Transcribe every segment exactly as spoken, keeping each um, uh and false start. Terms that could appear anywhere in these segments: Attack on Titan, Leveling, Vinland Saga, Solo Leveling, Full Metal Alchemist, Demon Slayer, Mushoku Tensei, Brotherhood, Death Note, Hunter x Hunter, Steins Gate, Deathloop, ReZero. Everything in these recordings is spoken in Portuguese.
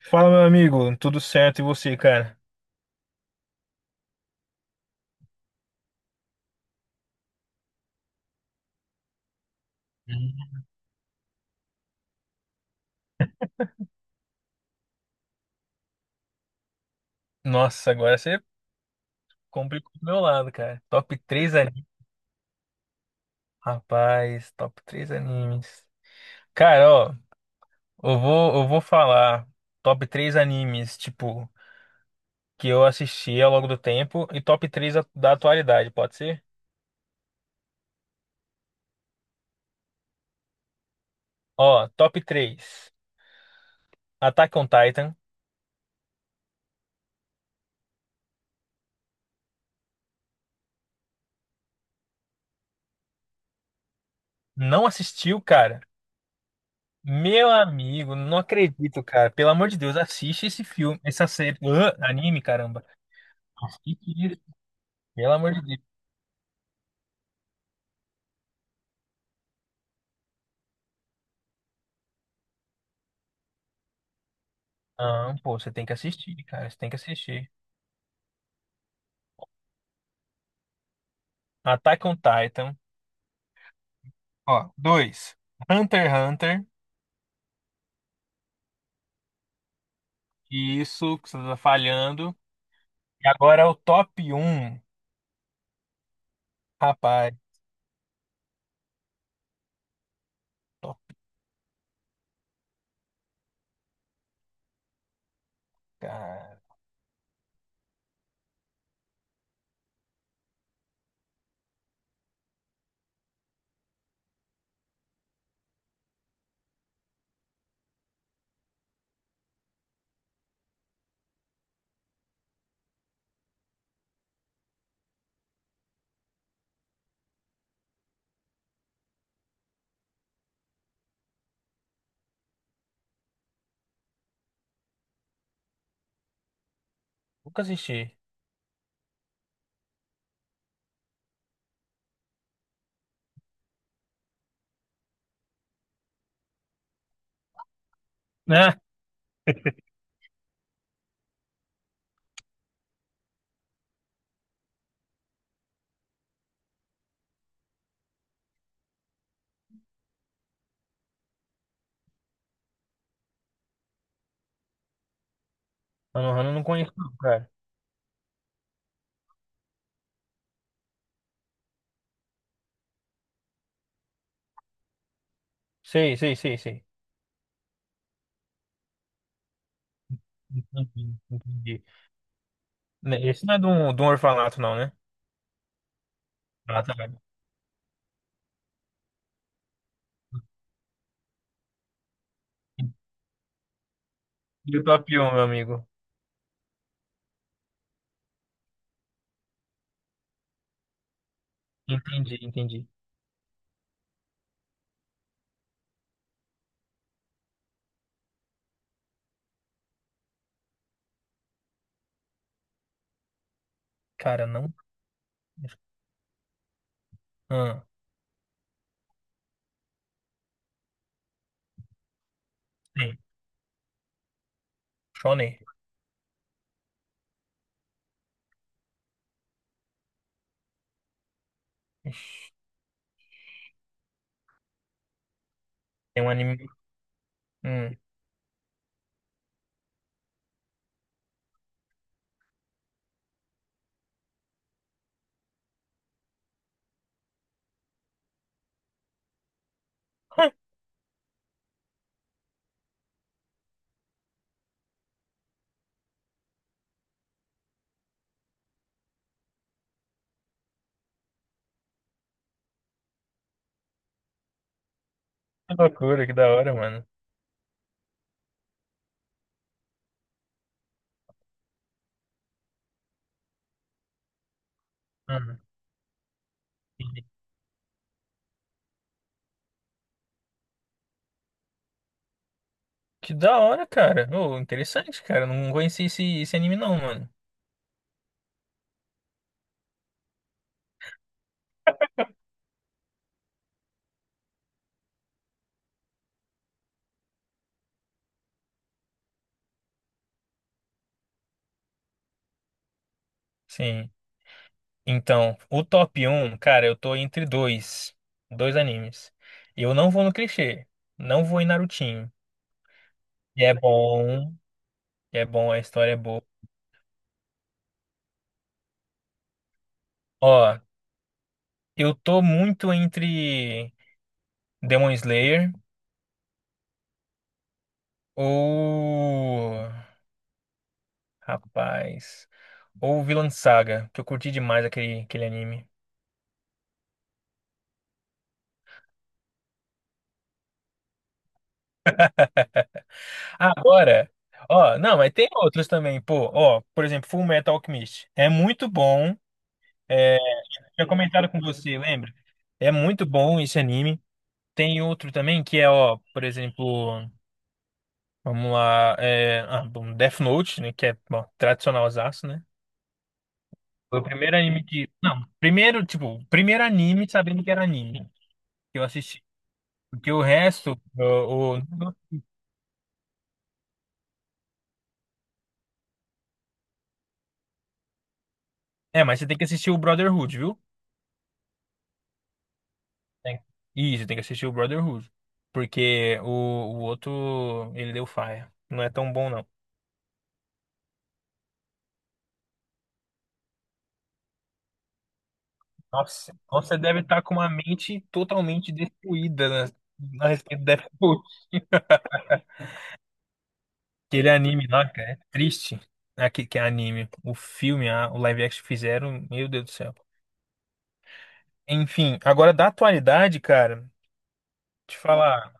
Fala, meu amigo, tudo certo e você, cara? Uhum. Nossa, agora você complicou do meu lado, cara. Top três animes. Rapaz, top três animes. Cara, ó, eu vou, eu vou falar top três animes, tipo, que eu assisti ao longo do tempo e top três a- da atualidade, pode ser? Ó, top três Attack on Titan. Não assistiu, cara? Meu amigo, não acredito, cara. Pelo amor de Deus, assiste esse filme, essa série, Ahn, anime, caramba. Assiste. Pelo amor de Deus. Não, pô, você tem que assistir, cara. Você tem que assistir. Attack on Titan. Ó, dois. Hunter x Hunter. Isso, que você tá falhando. E agora o top um. Rapaz, top, cara. Nunca assisti. Né? Eu não, não conheço, não, cara. Sei, sei, sei, sei. Entendi, entendi. Né, Esse não é de um, de um orfanato, não, né? Ah, tá. E o top um, meu amigo. Entendi, entendi. Cara, não. Ah, tem. Shonen. Ixi, Tem um anime. Hum. Que loucura, que da hora, mano. Hum. Que da hora, cara. Ô, interessante, cara. Não conheci esse, esse anime, não, mano. Sim. Então, o top um, cara, eu tô entre dois. Dois animes. Eu não vou no clichê. Não vou em Narutinho. E é bom. E é bom, a história é boa. Ó, eu tô muito entre Demon Slayer ou. Rapaz. Ou Vinland Saga, que eu curti demais aquele, aquele anime. Agora, ó, não, mas tem outros também, pô, ó, por exemplo, Full Metal Alchemist. É muito bom, é, tinha comentado com você, lembra? É muito bom esse anime. Tem outro também que é, ó, por exemplo, vamos lá, é, ah, bom, Death Note, né, que é, bom, tradicionalzaço, né? Foi o primeiro anime que, não, primeiro, tipo, primeiro anime sabendo que era anime que eu assisti. Porque o resto, o, o- é, mas você tem que assistir o Brotherhood, viu? Tem- Isso, tem que assistir o Brotherhood. Porque o, o outro, ele deu faia. Não é tão bom, não. Nossa, então você deve estar com uma mente totalmente destruída na, a respeito do Deathloop. Aquele anime lá, cara, é triste. Aqui que é anime. O filme, a- o live action que fizeram, meu Deus do céu. Enfim, agora da atualidade, cara, te falar,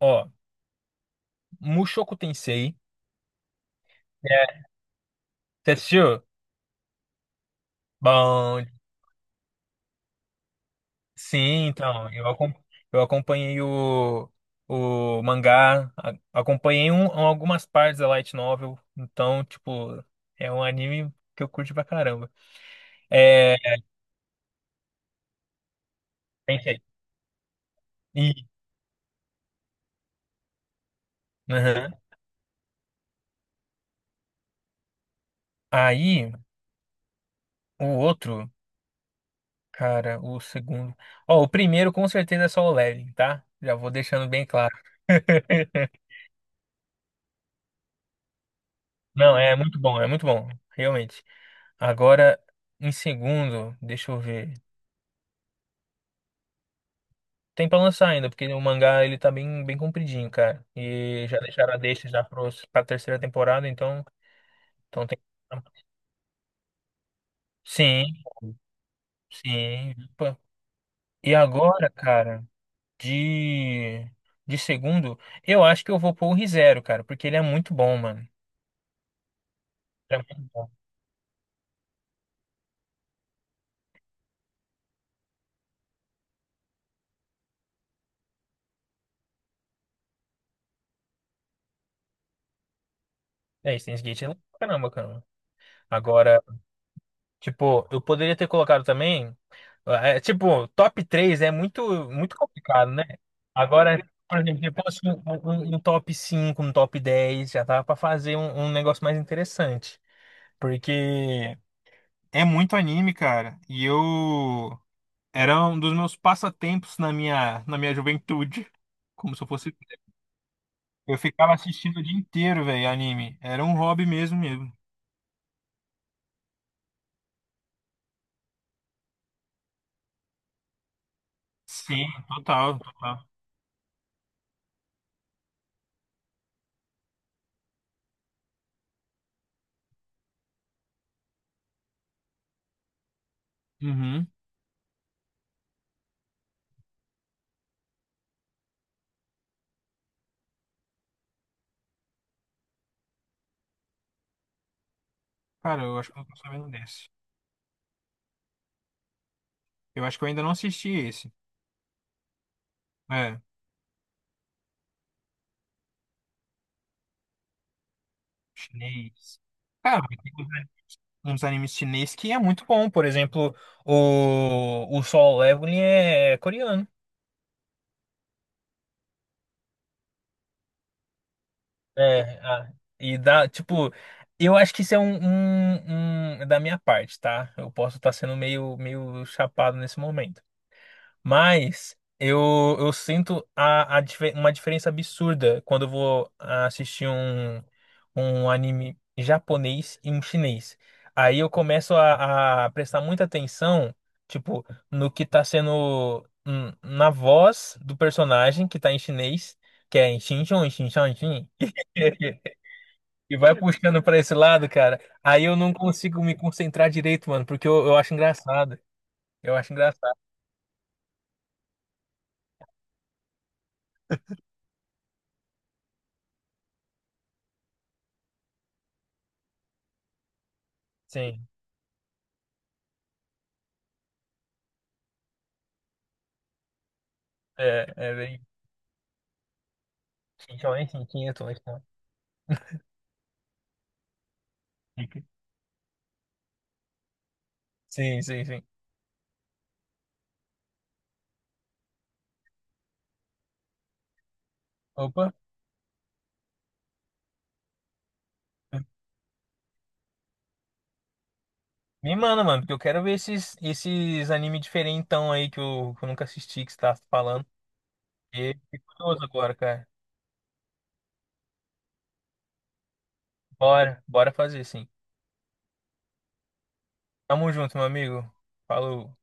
ó, Mushoku Tensei. É, você assistiu? Bom. Sim, então, eu, acom- eu acompanhei o, o mangá, a- acompanhei um, algumas partes da light novel, então, tipo, é um anime que eu curto pra caramba. É, pensei. E, aham. Aí, o outro, cara, o segundo. Ó, o primeiro com certeza é só o Leveling, tá? Já vou deixando bem claro. Não, é muito bom, é muito bom, realmente. Agora, em segundo, deixa eu ver. Tem pra lançar ainda, porque o mangá ele tá bem, bem compridinho, cara. E já deixaram a deixa já pros, pra terceira temporada, então, então tem. Sim, sim. Opa. E agora, cara, de, de segundo, eu acho que eu vou pôr o ReZero, cara, porque ele é muito bom, mano. Ele É muito bom. É, Steins Gate é legal pra caramba, cara. Agora, Tipo, eu poderia ter colocado também. é, é, tipo, top três é muito, muito complicado, né? Agora, por exemplo, depois um, um- um um top cinco, um top dez, já tava pra fazer um, um negócio mais interessante. Porque é muito anime, cara. E eu. Era um dos meus passatempos na minha, na minha juventude. Como se eu fosse. Eu ficava assistindo o dia inteiro, velho, anime. Era um hobby mesmo mesmo. Sim, total, total. Uhum. Cara, eu acho que eu não tô sabendo desse. Eu acho que eu ainda não assisti esse. É, chinês. Cara, mas tem uns uns animes chinês que é muito bom. Por exemplo, o, o Solo Leveling é é coreano. É, ah, e dá, tipo, eu acho que isso é um, um- um- da minha parte, tá? Eu posso estar sendo meio, meio chapado nesse momento. Mas eu, eu sinto a, a dife- uma diferença absurda quando eu vou assistir um, um anime japonês e um chinês. Aí eu começo a, a prestar muita atenção, tipo, no que tá sendo hum, na voz do personagem que tá em chinês, que é em xin chon, xin chon, xin. E vai puxando pra esse lado, cara. Aí eu não consigo me concentrar direito, mano, porque eu, eu acho engraçado. Eu acho engraçado. Sim, é, é bem Quinhões, sim, quinhentões, tá? Sim, sim, sim. Opa. Me manda, mano, porque eu quero ver esses, esses anime diferentão aí que eu, que eu nunca assisti, que você tá falando. E fico curioso agora, cara. Bora, bora fazer, sim. Tamo junto, meu amigo. Falou.